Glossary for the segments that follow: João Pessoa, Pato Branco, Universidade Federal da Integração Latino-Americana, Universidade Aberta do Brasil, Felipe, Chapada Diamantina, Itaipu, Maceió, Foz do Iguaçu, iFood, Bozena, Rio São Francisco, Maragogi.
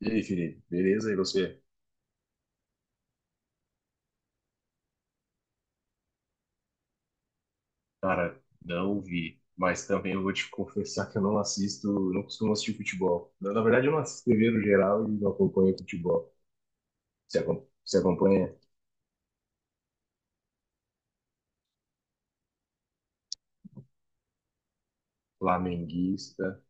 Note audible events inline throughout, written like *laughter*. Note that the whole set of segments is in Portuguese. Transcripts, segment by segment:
E aí, Felipe, beleza? E você? Cara, não vi. Mas também eu vou te *laughs* confessar que eu não assisto, não costumo assistir futebol. Na verdade, eu não assisto TV no geral e não acompanho futebol. Você, você acompanha flamenguista?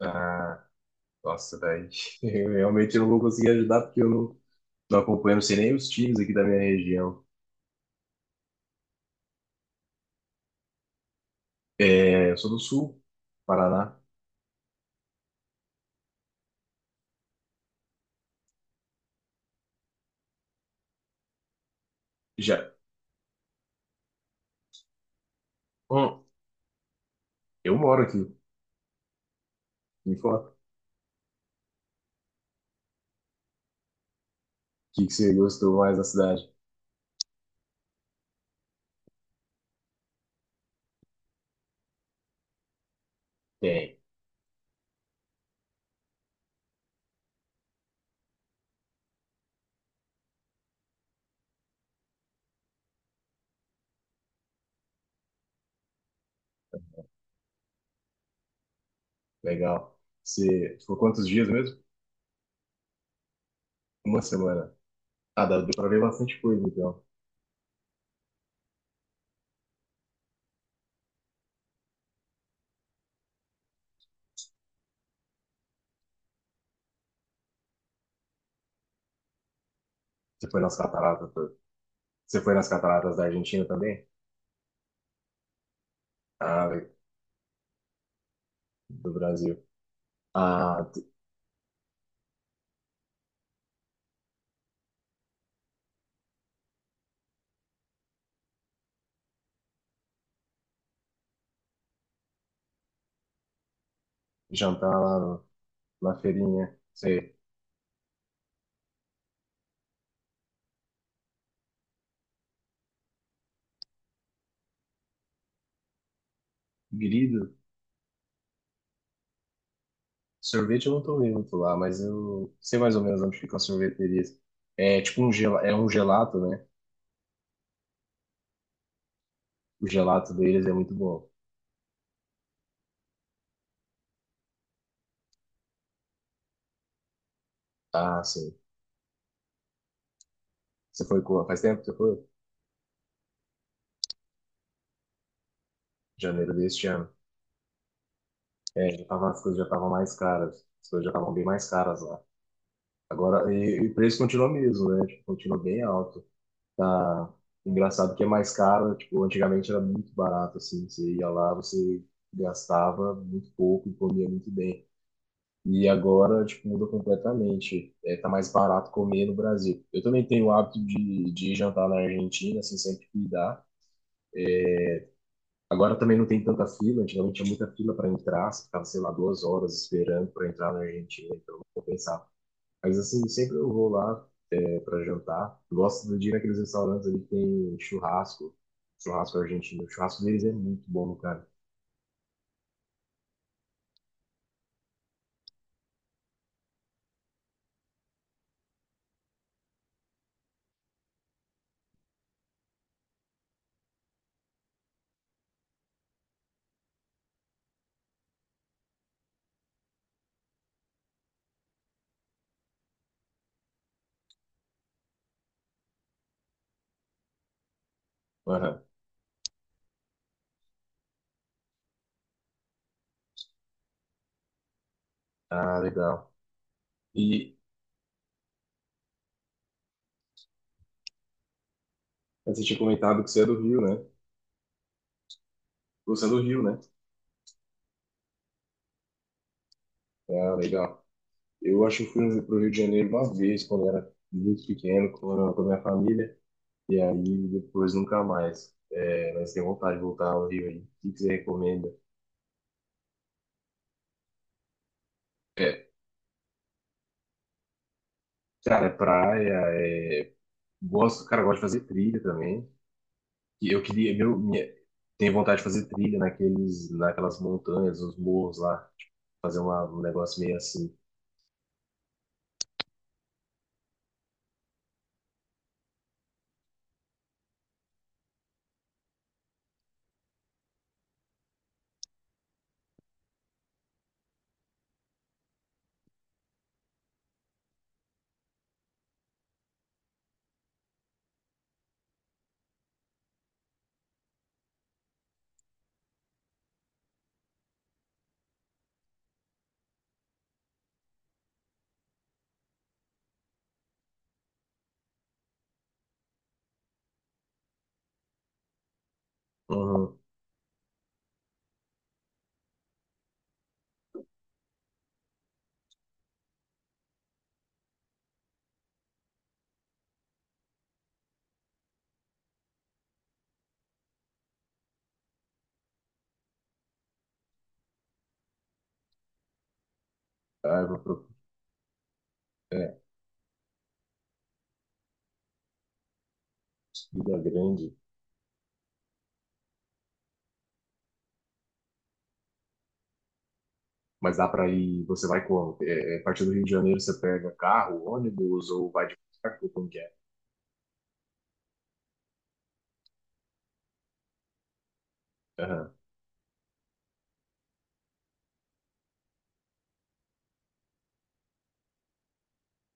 Ah, nossa, daí *laughs* eu realmente não vou conseguir ajudar porque eu não, não acompanho, não sei nem os times aqui da minha região. É, eu sou do Sul, Paraná. Já, hum, eu moro aqui. Me fala, o que você gostou mais da cidade? Tem, legal. Você ficou quantos dias mesmo? Uma semana. Ah, dá deu pra ver bastante coisa, então. Você foi nas cataratas, foi? Você foi nas cataratas da Argentina também? Ah, do Brasil. Ah, t- Jantar lá na feirinha. Sei. Grido. Sorvete eu não tomei muito lá, mas eu sei mais ou menos onde ficam as sorveterias. É tipo um, é um gelato, né? O gelato deles é muito bom. Ah, sim. Você foi com... Faz tempo que você foi? Janeiro deste ano. É, já tava, as coisas já estavam mais caras. As coisas já estavam bem mais caras lá. Agora, e o preço continua mesmo, né? Tipo, continua bem alto. Tá engraçado que é mais caro, né? Tipo, antigamente era muito barato, assim, você ia lá, você gastava muito pouco e comia muito bem. E agora, tipo, muda completamente. É, tá mais barato comer no Brasil. Eu também tenho o hábito de ir jantar na Argentina, assim, sempre que dá. Agora também não tem tanta fila, antigamente tinha muita fila para entrar, você ficava, sei lá, duas horas esperando para entrar na Argentina, então não compensava. Mas assim, sempre eu vou lá, para jantar. Gosto do dia naqueles restaurantes ali que tem churrasco, churrasco argentino. O churrasco deles é muito bom, cara. Aham. Ah, legal. E você tinha comentado que você é do Rio, né? Você é do Rio, né? Ah, legal. Eu acho que fui pro Rio de Janeiro uma vez, quando era muito pequeno, quando eu era com a minha família. E aí, depois nunca mais. É, mas tem vontade de voltar ao Rio aí. O que que você recomenda? É, cara, é praia, é... Gosto, cara, eu gosto de fazer trilha também. E eu queria, tenho vontade de fazer trilha naquelas montanhas, os morros lá, tipo, fazer um negócio meio assim. Uhum. Ah, eu vou pro- É, trilha grande, mas dá pra ir, você vai como? É, é, a partir do Rio de Janeiro você pega carro, ônibus ou vai de barco, como que é? Aham.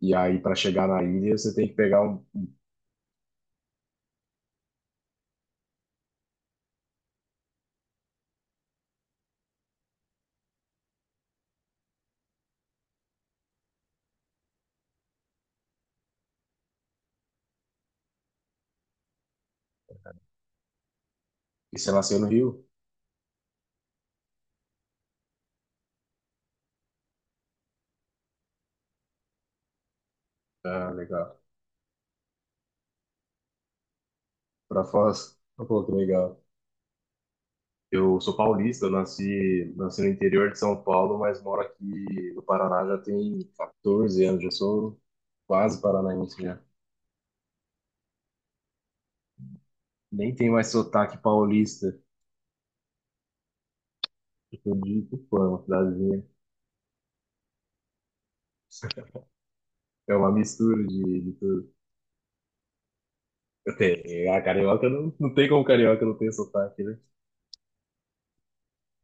E aí pra chegar na ilha você tem que pegar um, e você nasceu no Rio? Ah, legal. Pra Foz? Pô, que legal. Eu sou paulista, eu nasci, nasci no interior de São Paulo, mas moro aqui no Paraná já tem 14 anos, já sou quase paranaense já. Nem tem mais sotaque paulista, eu digo, pô, é uma cidadezinha. É uma mistura de tudo. Eu tenho, a carioca não tem como carioca não ter sotaque, né?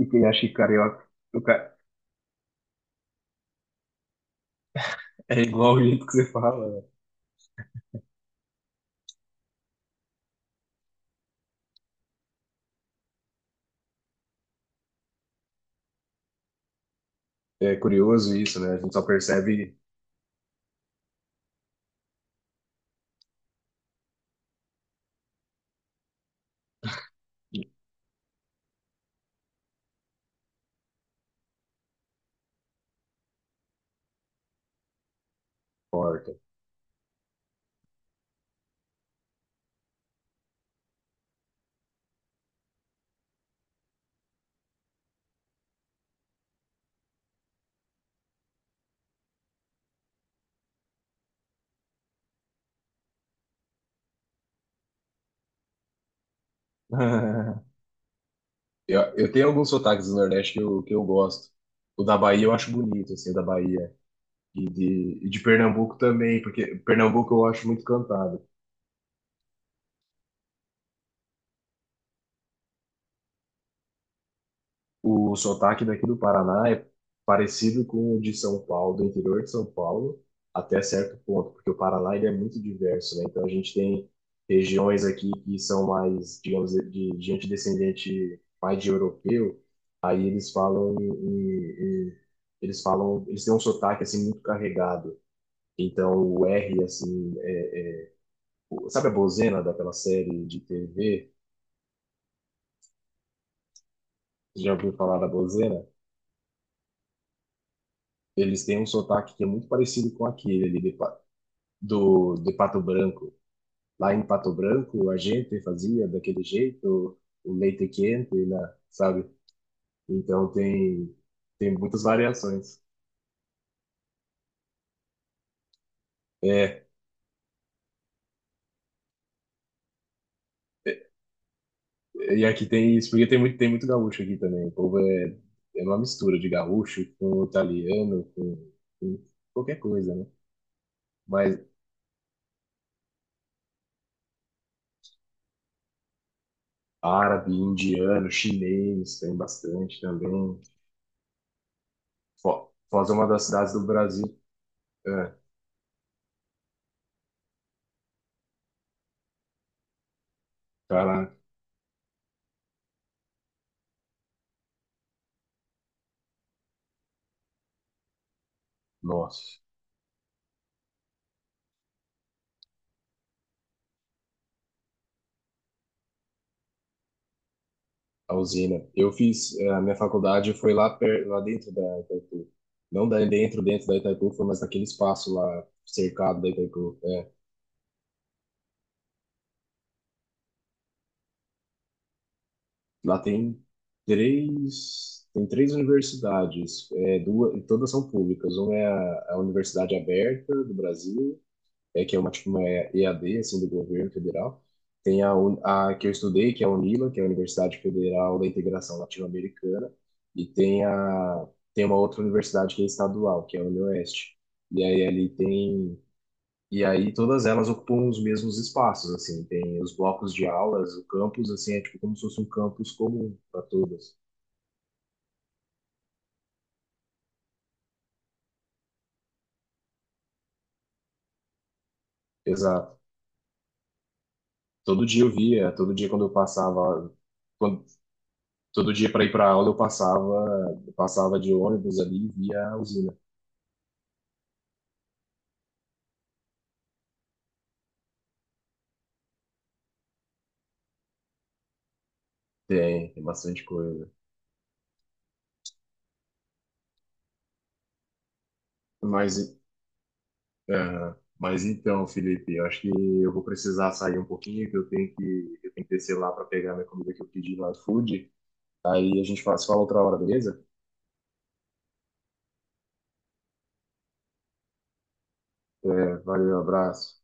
E quem acha que carioca o ca- é igual o jeito que você fala, né? É curioso isso, né? A gente só percebe porta. *laughs* Eu tenho alguns sotaques do Nordeste que eu gosto. O da Bahia eu acho bonito, assim, o da Bahia. E de, e de Pernambuco também, porque Pernambuco eu acho muito cantado. O sotaque daqui do Paraná é parecido com o de São Paulo, do interior de São Paulo, até certo ponto, porque o Paraná ele é muito diverso, né? Então a gente tem regiões aqui que são mais, digamos, de gente descendente mais de europeu, aí eles falam eles falam, eles têm um sotaque assim muito carregado. Então, o R, assim, é sabe a Bozena daquela série de TV? Você já ouviu falar da Bozena? Eles têm um sotaque que é muito parecido com aquele ali de, de Pato Branco. Lá em Pato Branco, a gente fazia daquele jeito, o leite quente, né? Sabe? Então, tem, tem muitas variações. É, é, e aqui tem isso, porque tem muito gaúcho aqui também. O povo é, é uma mistura de gaúcho com italiano, com qualquer coisa, né? Mas árabe, indiano, chinês, tem bastante também. Foz é uma das cidades do Brasil. É, caraca, nossa, a usina. Eu fiz, é, a minha faculdade foi lá, per, lá dentro da Itaipu. Não da, dentro, dentro da Itaipu, foi mas naquele espaço lá, cercado da Itaipu. É, lá tem tem três universidades, é, duas, e todas são públicas. Uma é a Universidade Aberta do Brasil, é, que é uma, tipo, uma EAD, assim, do governo federal. Tem a, a que eu estudei, que é a UNILA, que é a Universidade Federal da Integração Latino-Americana, e tem a, tem uma outra universidade que é estadual, que é a UniOeste. E aí ali tem, e aí todas elas ocupam os mesmos espaços, assim, tem os blocos de aulas, o campus, assim, é tipo como se fosse um campus comum para todas. Exato. Todo dia eu via, todo dia quando eu passava, quando, todo dia para ir para aula eu passava de ônibus ali e via a usina. Tem, tem bastante coisa. Mas, aham, mas então, Felipe, eu acho que eu vou precisar sair um pouquinho, que eu tenho que, eu tenho que descer lá para pegar minha comida que eu pedi lá no iFood. Aí a gente se fala outra hora, beleza? É, valeu, abraço.